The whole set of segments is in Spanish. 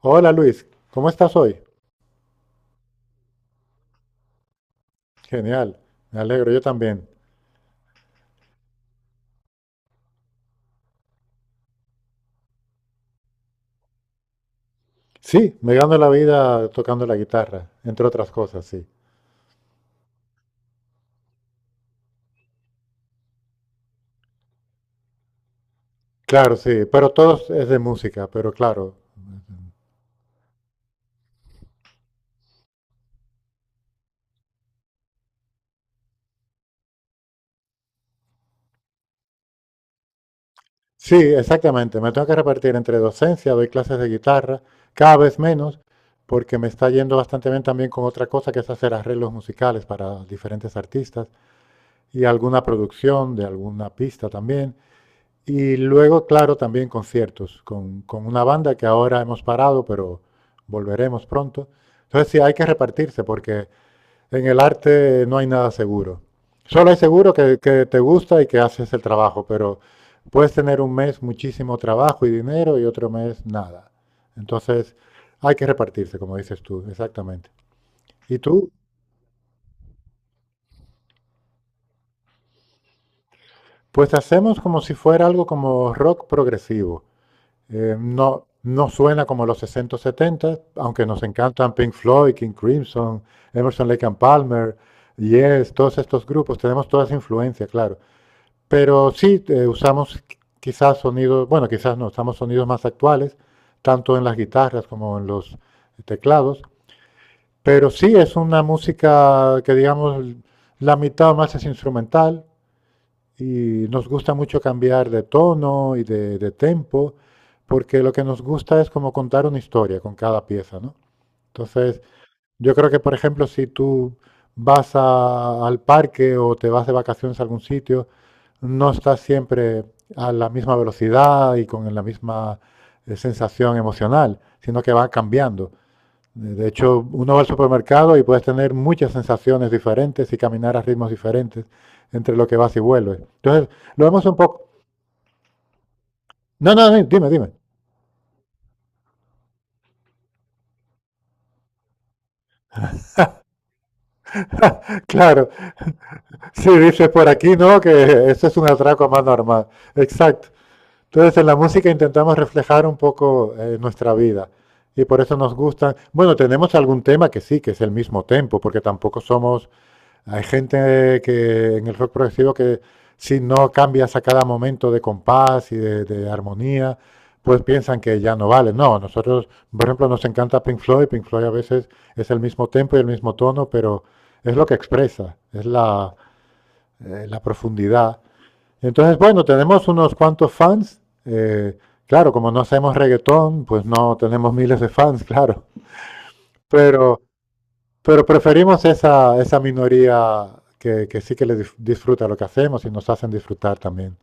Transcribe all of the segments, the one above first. Hola Luis, ¿cómo estás hoy? Genial, me alegro, yo también. Sí, me gano la vida tocando la guitarra, entre otras cosas, sí. Claro, sí, pero todo es de música, pero claro. Sí, exactamente, me tengo que repartir entre docencia, doy clases de guitarra, cada vez menos, porque me está yendo bastante bien también con otra cosa que es hacer arreglos musicales para diferentes artistas y alguna producción de alguna pista también. Y luego, claro, también conciertos con una banda que ahora hemos parado, pero volveremos pronto. Entonces sí, hay que repartirse porque en el arte no hay nada seguro. Solo hay seguro que te gusta y que haces el trabajo, pero puedes tener un mes muchísimo trabajo y dinero y otro mes nada. Entonces hay que repartirse, como dices tú, exactamente. ¿Y tú? Pues hacemos como si fuera algo como rock progresivo. No, no suena como los 60 o 70, aunque nos encantan Pink Floyd, King Crimson, Emerson, Lake and Palmer, Yes, todos estos grupos, tenemos toda esa influencia, claro. Pero sí, usamos quizás sonidos, bueno, quizás no, usamos sonidos más actuales, tanto en las guitarras como en los teclados. Pero sí, es una música que, digamos, la mitad o más es instrumental, y nos gusta mucho cambiar de tono y de tempo, porque lo que nos gusta es como contar una historia con cada pieza, ¿no? Entonces, yo creo que, por ejemplo, si tú vas al parque o te vas de vacaciones a algún sitio, no estás siempre a la misma velocidad y con la misma sensación emocional, sino que va cambiando. De hecho, uno va al supermercado y puedes tener muchas sensaciones diferentes y caminar a ritmos diferentes entre lo que vas y vuelves. Entonces, lo vemos un poco. No, no, no, dime, dime. Claro, si dices por aquí, no, que eso es un atraco más normal. Exacto. Entonces, en la música intentamos reflejar un poco, nuestra vida y por eso nos gustan. Bueno, tenemos algún tema que sí, que es el mismo tempo, porque tampoco somos. Hay gente que en el rock progresivo que si no cambias a cada momento de compás y de armonía, pues piensan que ya no vale. No, nosotros, por ejemplo, nos encanta Pink Floyd. Pink Floyd a veces es el mismo tempo y el mismo tono, pero es lo que expresa, es la profundidad. Entonces, bueno, tenemos unos cuantos fans. Claro, como no hacemos reggaetón, pues no tenemos miles de fans, claro. Pero pero preferimos esa minoría que sí que le disfruta lo que hacemos y nos hacen disfrutar también.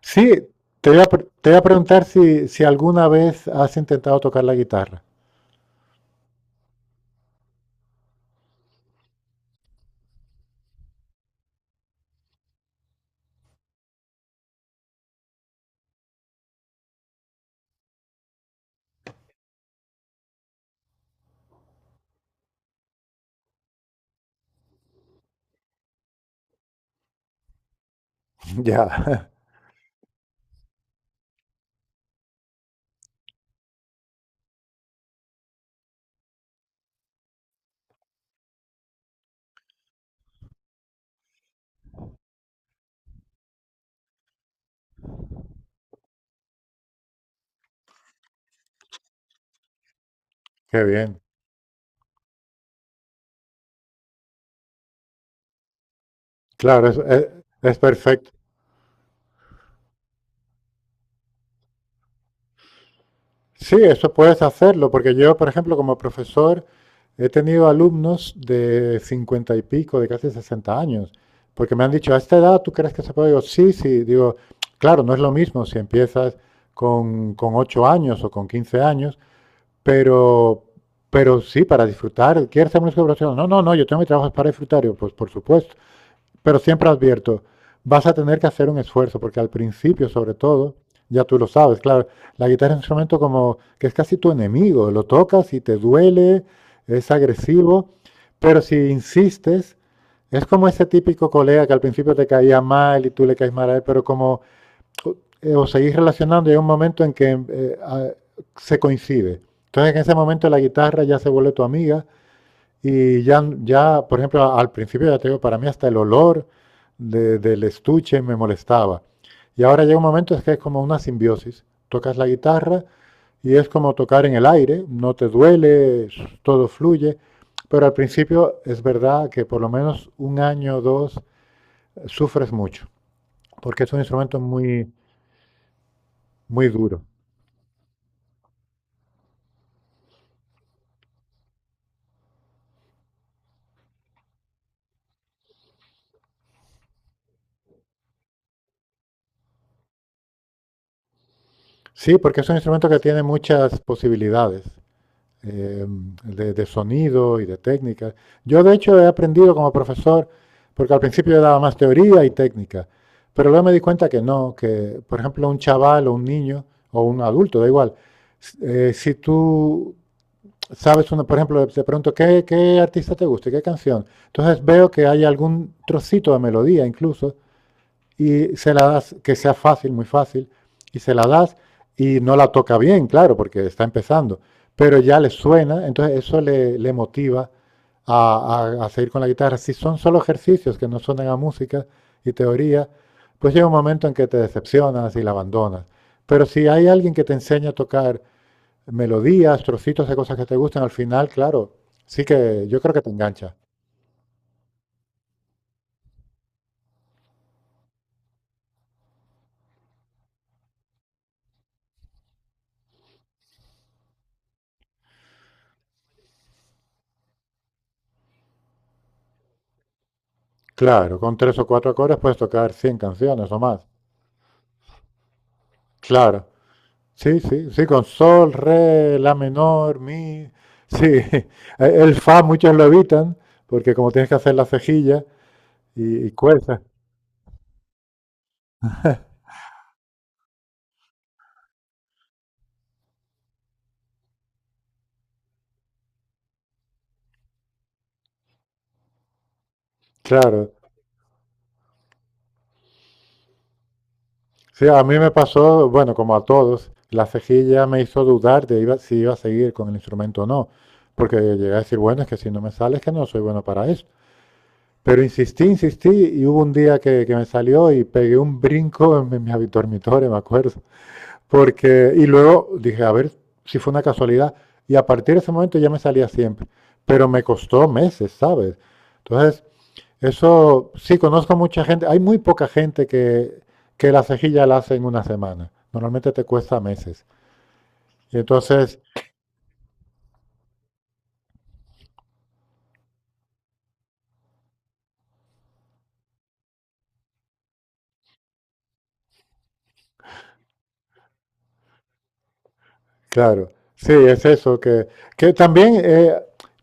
Sí, te voy a preguntar si, alguna vez has intentado tocar la guitarra. Ya. Qué bien. Claro, es perfecto. Sí, eso puedes hacerlo, porque yo, por ejemplo, como profesor, he tenido alumnos de 50 y pico, de casi 60 años, porque me han dicho, ¿a esta edad tú crees que se puede? Digo, sí, sí, digo, claro, no es lo mismo si empiezas con 8 años o con 15 años, pero, pero sí, para disfrutar. ¿Quieres hacer música profesional? No, no, no, yo tengo mi trabajo, es para disfrutar. Digo, pues por supuesto. Pero siempre advierto, vas a tener que hacer un esfuerzo, porque al principio, sobre todo, ya tú lo sabes, claro, la guitarra es un instrumento como que es casi tu enemigo, lo tocas y te duele, es agresivo, pero si insistes, es como ese típico colega que al principio te caía mal y tú le caes mal a él, pero como, os seguís relacionando, hay un momento en que se coincide. Entonces en ese momento la guitarra ya se vuelve tu amiga y ya, por ejemplo, al principio ya te digo, para mí hasta el olor del estuche me molestaba. Y ahora llega un momento es que es como una simbiosis. Tocas la guitarra y es como tocar en el aire, no te duele, s- todo fluye. Pero al principio es verdad que por lo menos un año o dos, sufres mucho, porque es un instrumento muy, muy duro. Sí, porque es un instrumento que tiene muchas posibilidades. eh, de sonido y de técnica. Yo de hecho he aprendido como profesor, porque al principio yo daba más teoría y técnica, pero luego me di cuenta que no, que por ejemplo un chaval o un niño o un adulto, da igual, si tú sabes, una, por ejemplo, te pregunto, ¿qué artista te gusta y qué canción? Entonces veo que hay algún trocito de melodía incluso y se la das, que sea fácil, muy fácil, y se la das y no la toca bien, claro, porque está empezando, pero ya le suena, entonces eso le motiva a seguir con la guitarra. Si son solo ejercicios que no suenan a música y teoría, pues llega un momento en que te decepcionas y la abandonas. Pero si hay alguien que te enseña a tocar melodías, trocitos de cosas que te gustan, al final, claro, sí que yo creo que te engancha. Claro, con tres o cuatro acordes puedes tocar 100 canciones o más. Claro. Sí, sí, sí, con sol, re, la menor, mi. Sí, el fa muchos lo evitan porque como tienes que hacer la cejilla y cuesta. Claro. Sí, a mí me pasó, bueno, como a todos, la cejilla me hizo dudar de si iba a seguir con el instrumento o no, porque llegué a decir, bueno, es que si no me sale es que no soy bueno para esto. Pero insistí, insistí y hubo un día que me salió y pegué un brinco en mi dormitorio, me acuerdo. Porque, y luego dije, a ver si fue una casualidad. Y a partir de ese momento ya me salía siempre. Pero me costó meses, ¿sabes? Entonces, eso sí, conozco mucha gente. Hay muy poca gente que la cejilla la hace en una semana. Normalmente te cuesta meses. Y entonces, claro, sí, es eso. Que también,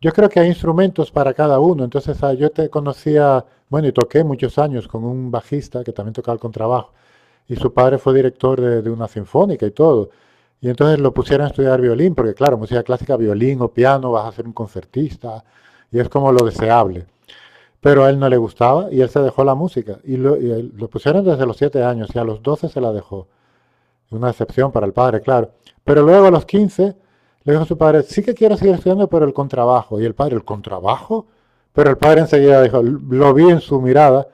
yo creo que hay instrumentos para cada uno. Entonces, ah, yo te conocía, bueno, y toqué muchos años con un bajista que también tocaba el contrabajo. Y su padre fue director de una sinfónica y todo. Y entonces lo pusieron a estudiar violín, porque claro, música clásica, violín o piano, vas a ser un concertista, y es como lo deseable. Pero a él no le gustaba y él se dejó la música. Y lo pusieron desde los 7 años y a los 12 se la dejó. Una excepción para el padre, claro. Pero luego a los 15 le dijo a su padre, sí que quiero seguir estudiando, pero el contrabajo. Y el padre, ¿el contrabajo? Pero el padre enseguida dijo, lo vi en su mirada,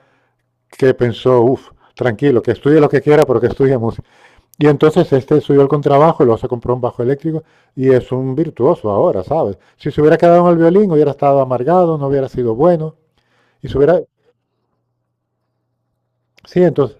que pensó, uff, tranquilo, que estudie lo que quiera, pero que estudie música. Y entonces este subió el contrabajo y luego se compró un bajo eléctrico y es un virtuoso ahora, ¿sabes? Si se hubiera quedado en el violín hubiera estado amargado, no hubiera sido bueno y se hubiera... Sí, entonces,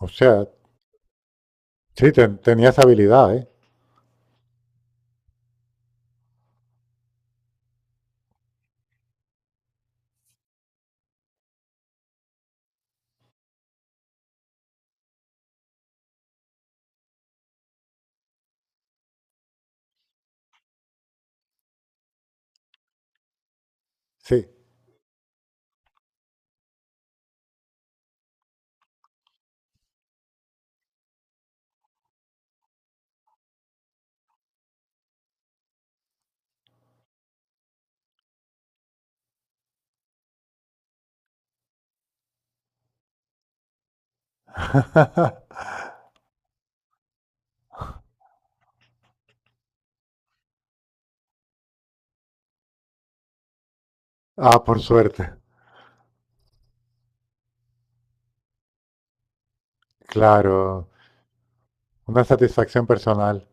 o sea, sí, tenía esa habilidad, ¿eh? Sí. Ah, por suerte. Claro, una satisfacción personal.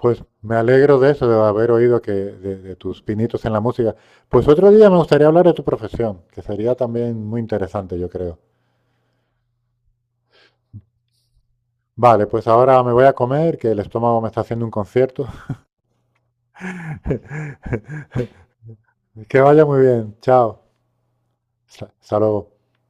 Pues me alegro de eso, de haber oído que de tus pinitos en la música. Pues otro día me gustaría hablar de tu profesión, que sería también muy interesante, yo creo. Vale, pues ahora me voy a comer, que el estómago me está haciendo un concierto. Que vaya muy bien. Chao. Hasta luego.